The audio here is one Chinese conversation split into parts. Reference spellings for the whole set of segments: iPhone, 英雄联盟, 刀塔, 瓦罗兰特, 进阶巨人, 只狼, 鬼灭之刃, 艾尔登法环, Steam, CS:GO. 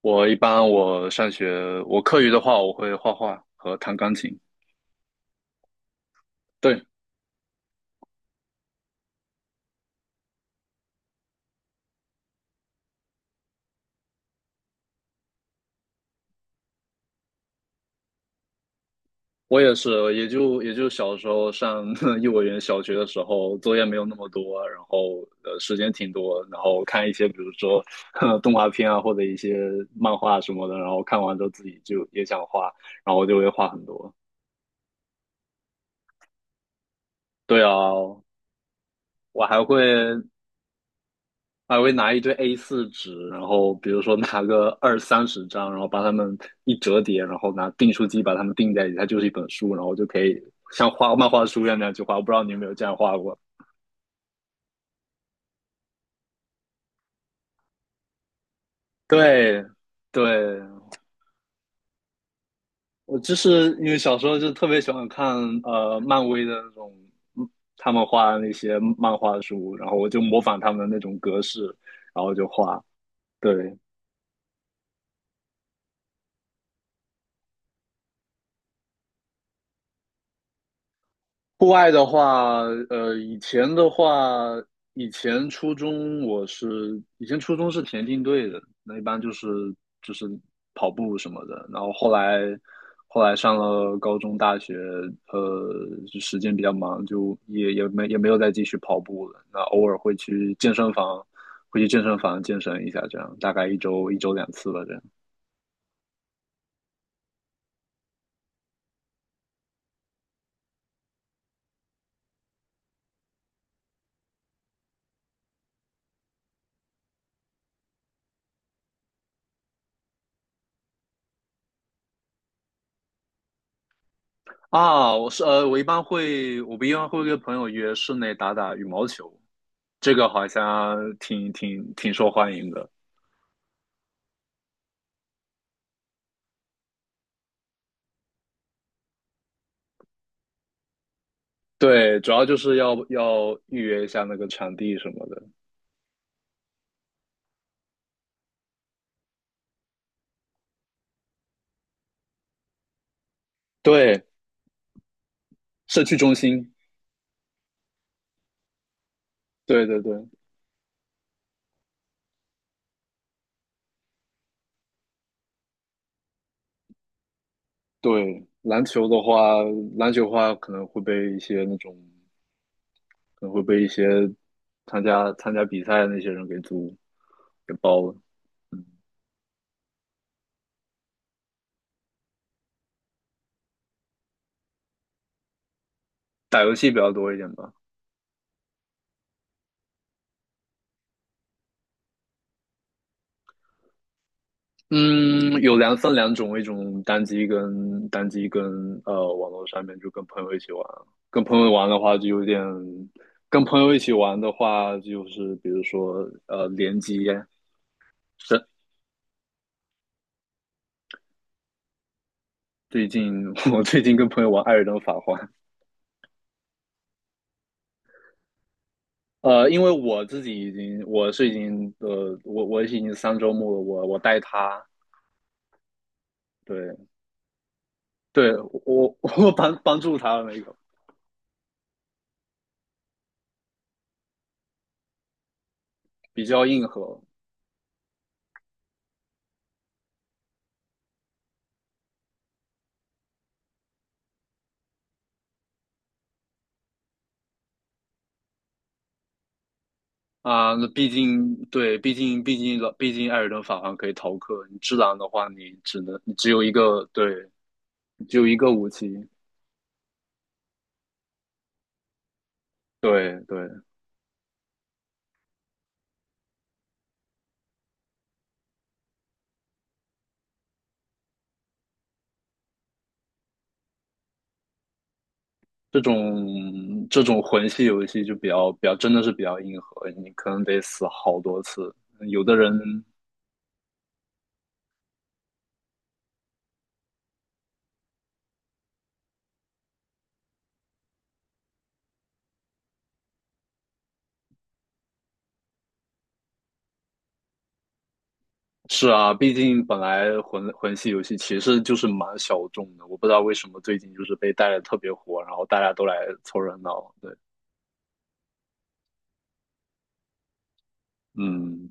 我一般我上学，我课余的话，我会画画和弹钢琴。对，我也是，也就小时候上 幼儿园、小学的时候，作业没有那么多，然后时间挺多，然后看一些比如说 动画片啊，或者一些漫画什么的，然后看完之后自己就也想画，然后我就会画很多。对啊，我还会拿一堆 A4 纸，然后比如说拿个二三十张，然后把它们一折叠，然后拿订书机把它们订在一起，它就是一本书，然后就可以像画漫画书一样那样去画。我不知道你有没有这样画过？对，对，我就是因为小时候就特别喜欢看漫威的那种，嗯他们画的那些漫画书，然后我就模仿他们的那种格式，然后就画。对，户外的话，以前的话，以前初中是田径队的，那一般就是跑步什么的。然后后来上了高中、大学，呃，就时间比较忙，就也没有再继续跑步了。那偶尔会去健身房，会去健身房健身一下，这样大概一周两次吧，这样。啊，我是呃，我一般会，我不一般会跟朋友约室内打打羽毛球，这个好像挺受欢迎的。对，主要就是要预约一下那个场地什么的。对，社区中心。对对对对，篮球的话可能会被一些参加比赛的那些人给租给包了。打游戏比较多一点吧。嗯，有两种，一种单机跟网络上面就跟朋友一起玩，跟朋友玩的话就有点，跟朋友一起玩的话就是比如说联机，是最近 我最近跟朋友玩《艾尔登法环》，因为我自己已经我是已经呃我已经3周目了，我带他，对对，我 帮助他的那个比较硬核，啊，那毕竟对，毕竟艾尔登法环可以逃课，你只狼的话，你只有一个，对，你只有一个武器，对对，这种魂系游戏就比较比较真的是比较硬核，你可能得死好多次。有的人是啊，毕竟本来魂系游戏其实就是蛮小众的，我不知道为什么最近就是被带的特别火，然后大家都来凑热闹。对，嗯，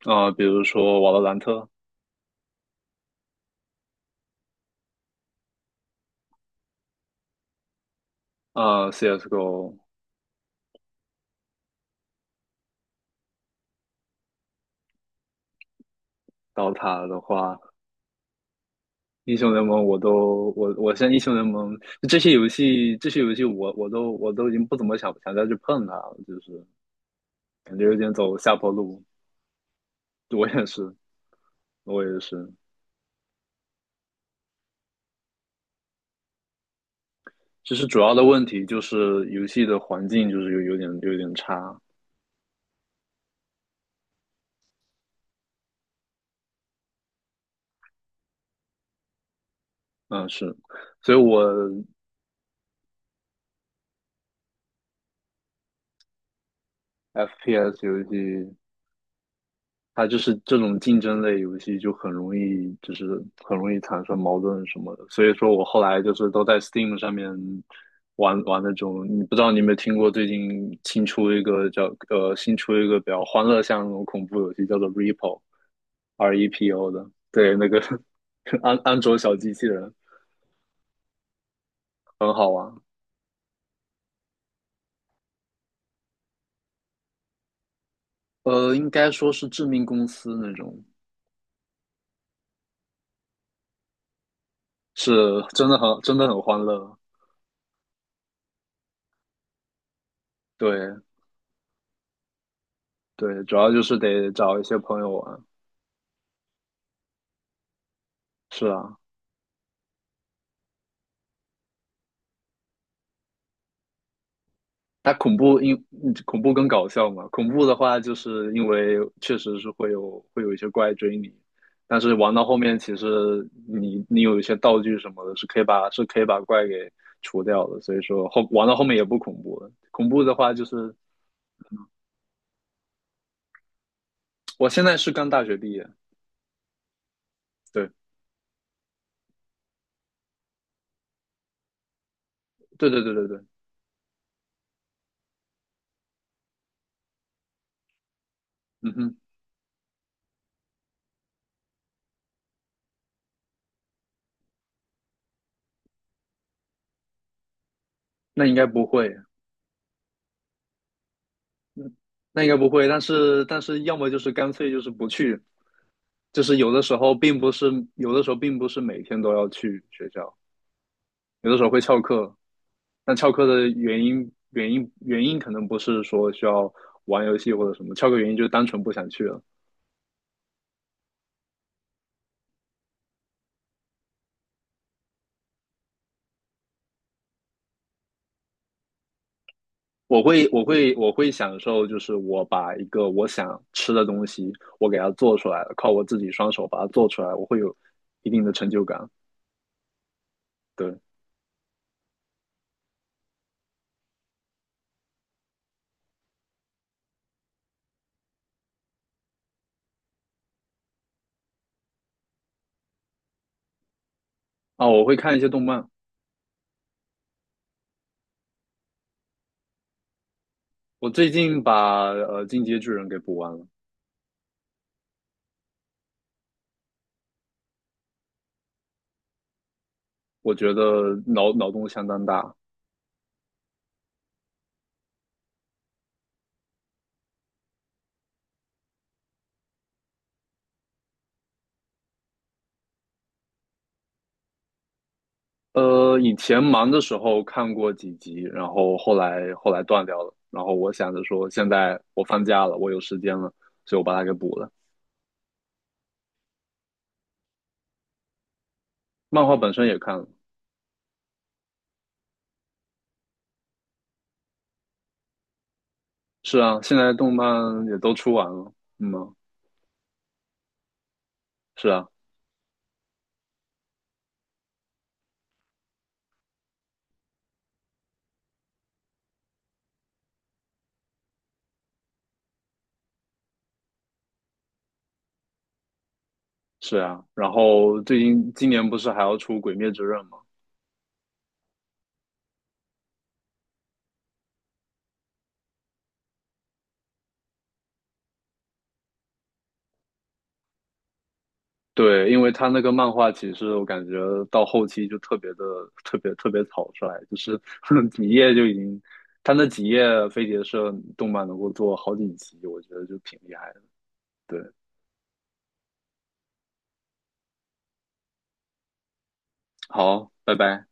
啊、比如说《瓦罗兰特》啊，《CS:GO》。刀塔的话，英雄联盟我都我我现在英雄联盟这些游戏我都已经不怎么想再去碰它了，就是感觉有点走下坡路。我也是，我也是。其实主要的问题就是游戏的环境就是有点差，嗯是，所以 FPS 游戏它就是这种竞争类游戏就很容易，就是很容易产生矛盾什么的。所以说我后来就是都在 Steam 上面玩玩那种，你不知道你有没有听过最近新出一个比较欢乐向那种恐怖游戏，叫做 Repo，R E P O 的，对，那个 安卓小机器人很好玩。应该说是致命公司那种，是真的很欢乐。对对，主要就是得找一些朋友玩。是啊，它恐怖因嗯恐怖更搞笑嘛，恐怖的话就是因为确实是会有一些怪追你，但是玩到后面其实你有一些道具什么的，是可以把怪给除掉的，所以说玩到后面也不恐怖了。恐怖的话就是我现在是刚大学毕业，对对对对对对，嗯哼，那应该不会，那应该不会，但是要么就是干脆就是不去，就是有的时候并不是每天都要去学校，有的时候会翘课。但翘课的原因可能不是说需要玩游戏或者什么，翘课原因就是单纯不想去了。我会享受，就是我把一个我想吃的东西，我给它做出来了，靠我自己双手把它做出来，我会有一定的成就感。对啊，我会看一些动漫。我最近把《进阶巨人》给补完了，我觉得脑洞相当大。以前忙的时候看过几集，然后后来断掉了。然后我想着说，现在我放假了，我有时间了，所以我把它给补了。漫画本身也看了，是啊，现在动漫也都出完了，嗯啊，是啊，是啊。然后最近今年不是还要出《鬼灭之刃》吗？对，因为他那个漫画其实我感觉到后期就特别特别草率，就是 几页就已经，他那几页飞碟社动漫能够做好几集，我觉得就挺厉害的。对，好，拜拜。